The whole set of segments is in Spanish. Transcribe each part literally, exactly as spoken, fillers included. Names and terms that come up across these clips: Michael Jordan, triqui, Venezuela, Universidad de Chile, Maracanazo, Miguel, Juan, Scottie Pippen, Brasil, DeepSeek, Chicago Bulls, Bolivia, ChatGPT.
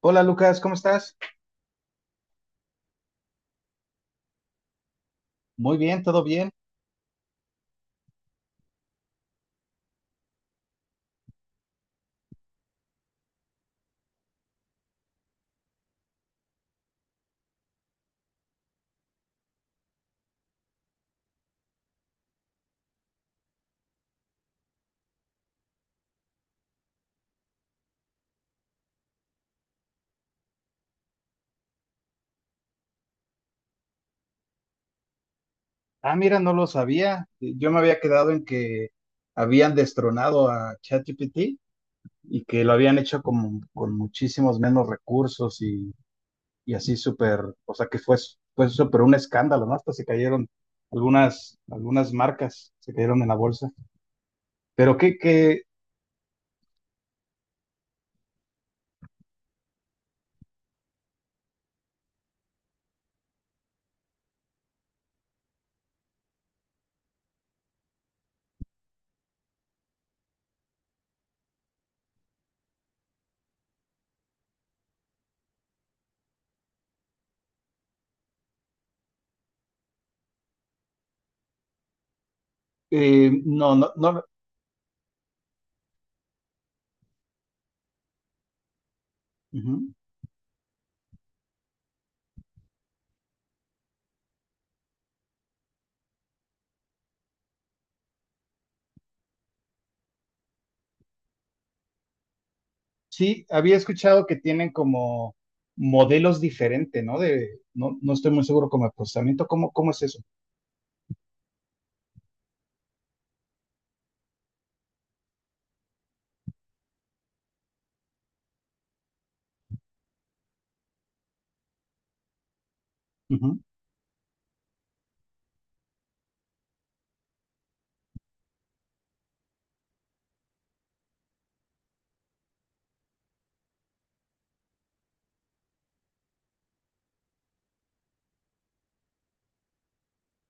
Hola Lucas, ¿cómo estás? Muy bien, todo bien. Ah, mira, no lo sabía. Eh, Yo me había quedado en que habían destronado a ChatGPT y que lo habían hecho como con muchísimos menos recursos y, y así súper, o sea que fue, fue súper un escándalo, ¿no? Hasta se cayeron algunas, algunas marcas, se cayeron en la bolsa. Pero que, que, eh, no, no, no. Ujú. Sí, había escuchado que tienen como modelos diferentes, ¿no? De, no, no estoy muy seguro como el procesamiento, ¿cómo, cómo es eso? Ujú.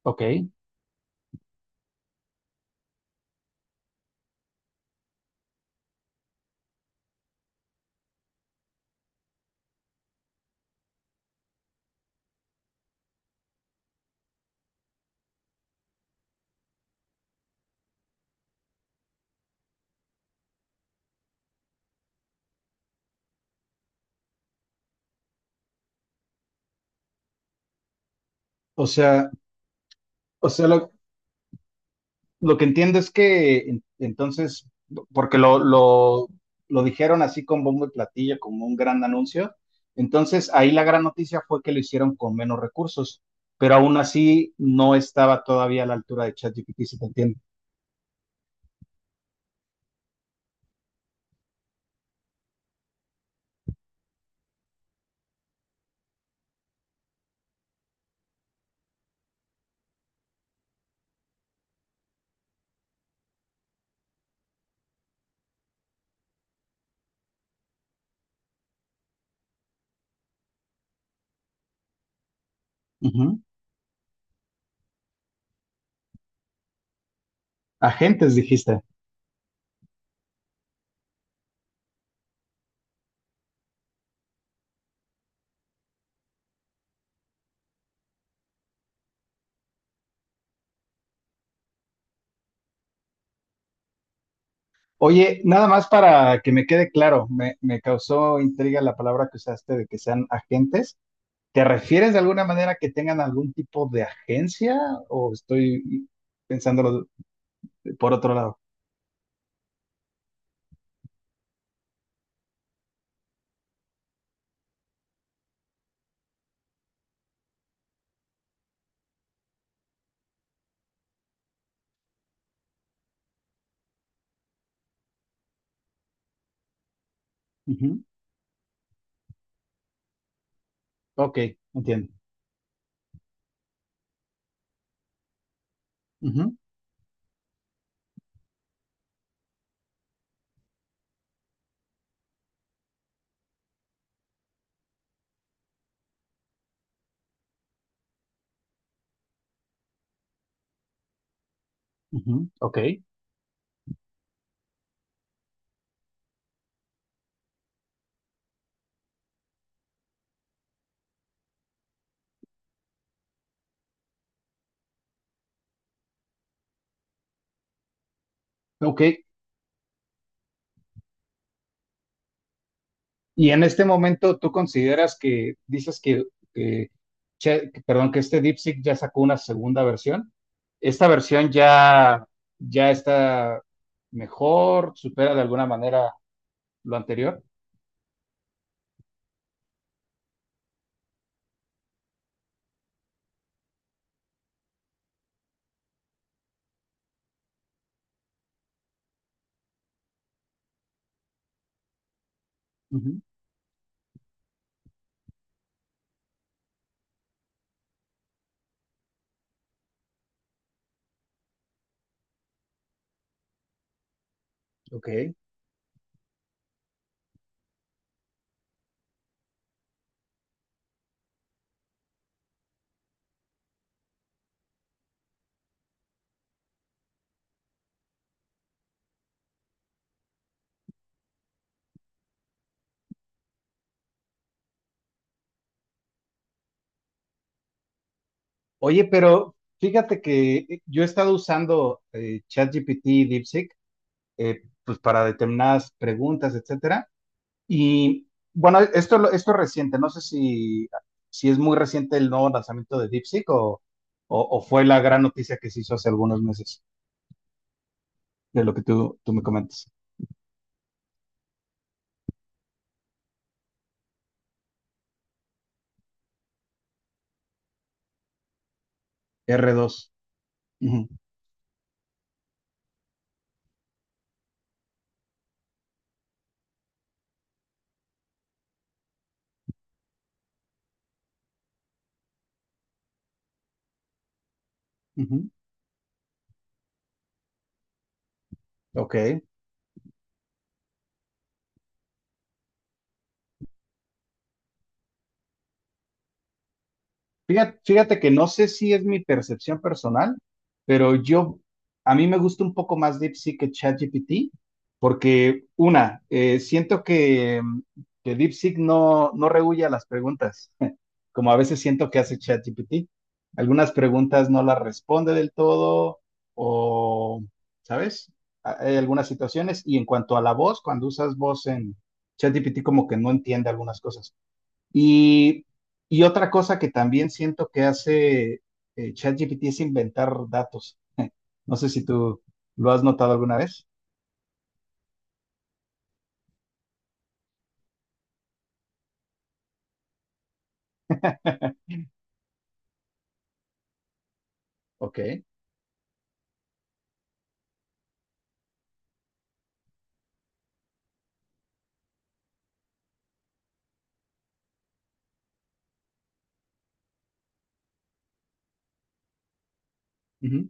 Ok. O sea, o sea, lo, lo que entiendo es que en- entonces, porque lo, lo, lo dijeron así con bombo y platillo, como un gran anuncio, entonces ahí la gran noticia fue que lo hicieron con menos recursos, pero aún así no estaba todavía a la altura de ChatGPT, si te entiendo. Ujú. Agentes, dijiste. Oye, nada más para que me quede claro, me, me causó intriga la palabra que usaste de que sean agentes. ¿Te refieres de alguna manera que tengan algún tipo de agencia o estoy pensándolo por otro lado? Ujú, ok, entiendo. Ujú, ujú, ok, ok. Y en este momento tú consideras que, dices que, que, che- que- perdón, que este DeepSeek ya sacó una segunda versión. ¿Esta versión ya, ya está mejor, supera de alguna manera lo anterior? Ujú, ok. Oye, pero fíjate que eh, yo he estado usando eh, ChatGPT y DeepSeek eh, pues para determinadas preguntas, etcétera. Y bueno, esto, lo- esto es reciente, no sé si, si es muy reciente el nuevo lanzamiento de DeepSeek o, o, o fue la gran noticia que se hizo hace algunos meses, de lo que tú, tú me comentas. r dos. Ujú, ujú, ok. Fíjate, fíjate que no sé si es mi percepción personal, pero yo, a mí me gusta un poco más DeepSeek que ChatGPT, porque una, eh, siento que, mm, que DeepSeek no, no rehúye a las preguntas, como a veces siento que hace ChatGPT. Algunas preguntas no las responde del todo, o, ¿sabes? A- Hay algunas situaciones, y en cuanto a la voz, cuando usas voz en ChatGPT, como que no entiende algunas cosas. Y, y otra cosa que también siento que hace eh, ChatGPT es inventar datos. No sé si tú lo has notado alguna vez. Ok. Ujú.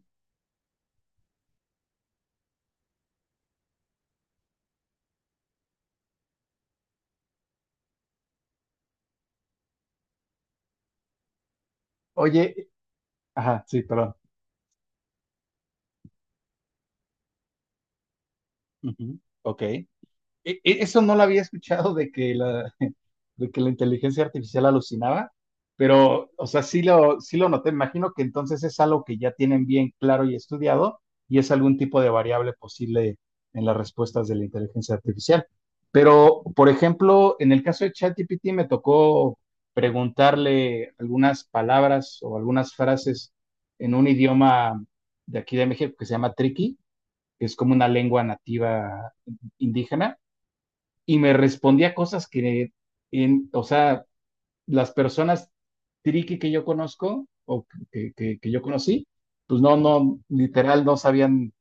Oye, ajá, sí, perdón. Ujú. Ok. E- e, eso no lo había escuchado de que la, de que la inteligencia artificial alucinaba, pero, o sea, sí lo, sí lo noté. Imagino que entonces es algo que ya tienen bien claro y estudiado y es algún tipo de variable posible en las respuestas de la inteligencia artificial. Pero, por ejemplo, en el caso de ChatGPT me tocó preguntarle algunas palabras o algunas frases en un idioma de aquí de México que se llama triqui, que es como una lengua nativa indígena y me respondía cosas que, en, o sea, las personas triqui que yo conozco o que, que, que yo conocí, pues no, no, literal no sabían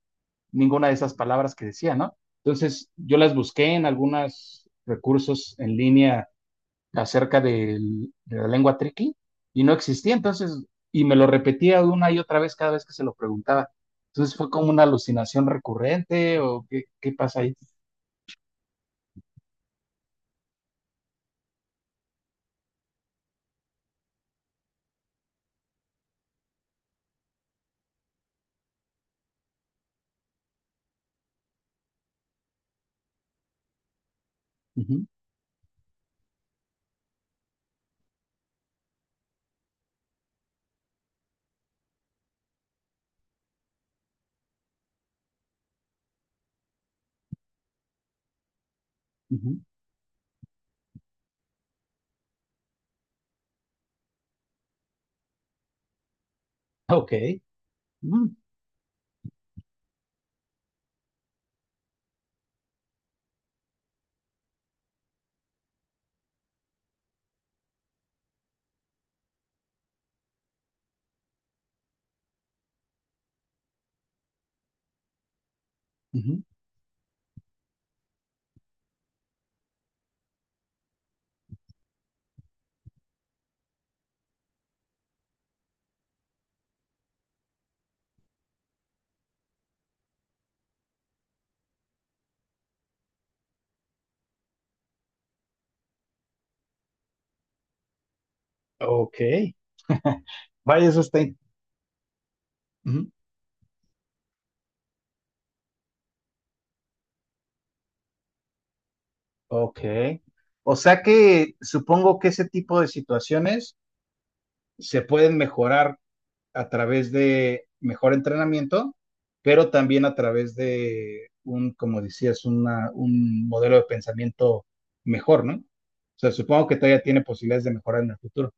ninguna de esas palabras que decía, ¿no? Entonces yo las busqué en algunos recursos en línea acerca del- de la lengua triqui y no existía, entonces, y me lo repetía una y otra vez cada vez que se lo preguntaba. Entonces fue como una alucinación recurrente o qué, qué pasa ahí. Ujú, ujú. Ok. Mm. Ujú. Ok. Vaya, eso está. in- Ujú. Ok. O sea que supongo que ese tipo de situaciones se pueden mejorar a través de mejor entrenamiento, pero también a través de un, como decías, una- un modelo de pensamiento mejor, ¿no? O sea, supongo que todavía tiene posibilidades de mejorar en el futuro.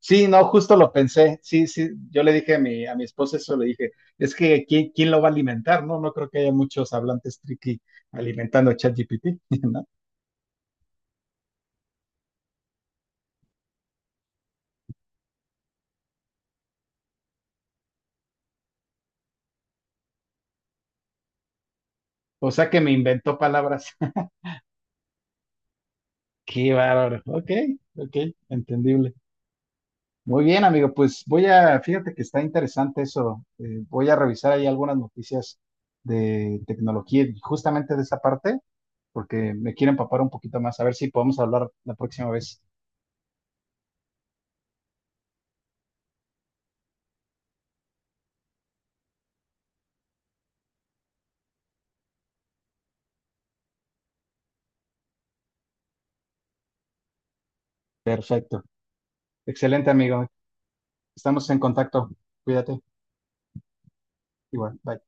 Sí, no, justo lo pensé. Sí, sí, yo le dije a mi, a mi esposa eso, le dije, es que ¿quién, quién lo va a alimentar? No, no creo que haya muchos hablantes tricky alimentando a ChatGPT, ¿no? O sea que me inventó palabras. Qué bárbaro. Ok, ok, entendible. Muy bien, amigo, pues voy a, fíjate que está interesante eso. Eh, voy a revisar ahí algunas noticias de tecnología, y justamente de esa parte, porque me quiero empapar un poquito más, a ver si podemos hablar la próxima vez. Perfecto. Excelente, amigo. Estamos en contacto. Cuídate. Igual, bye.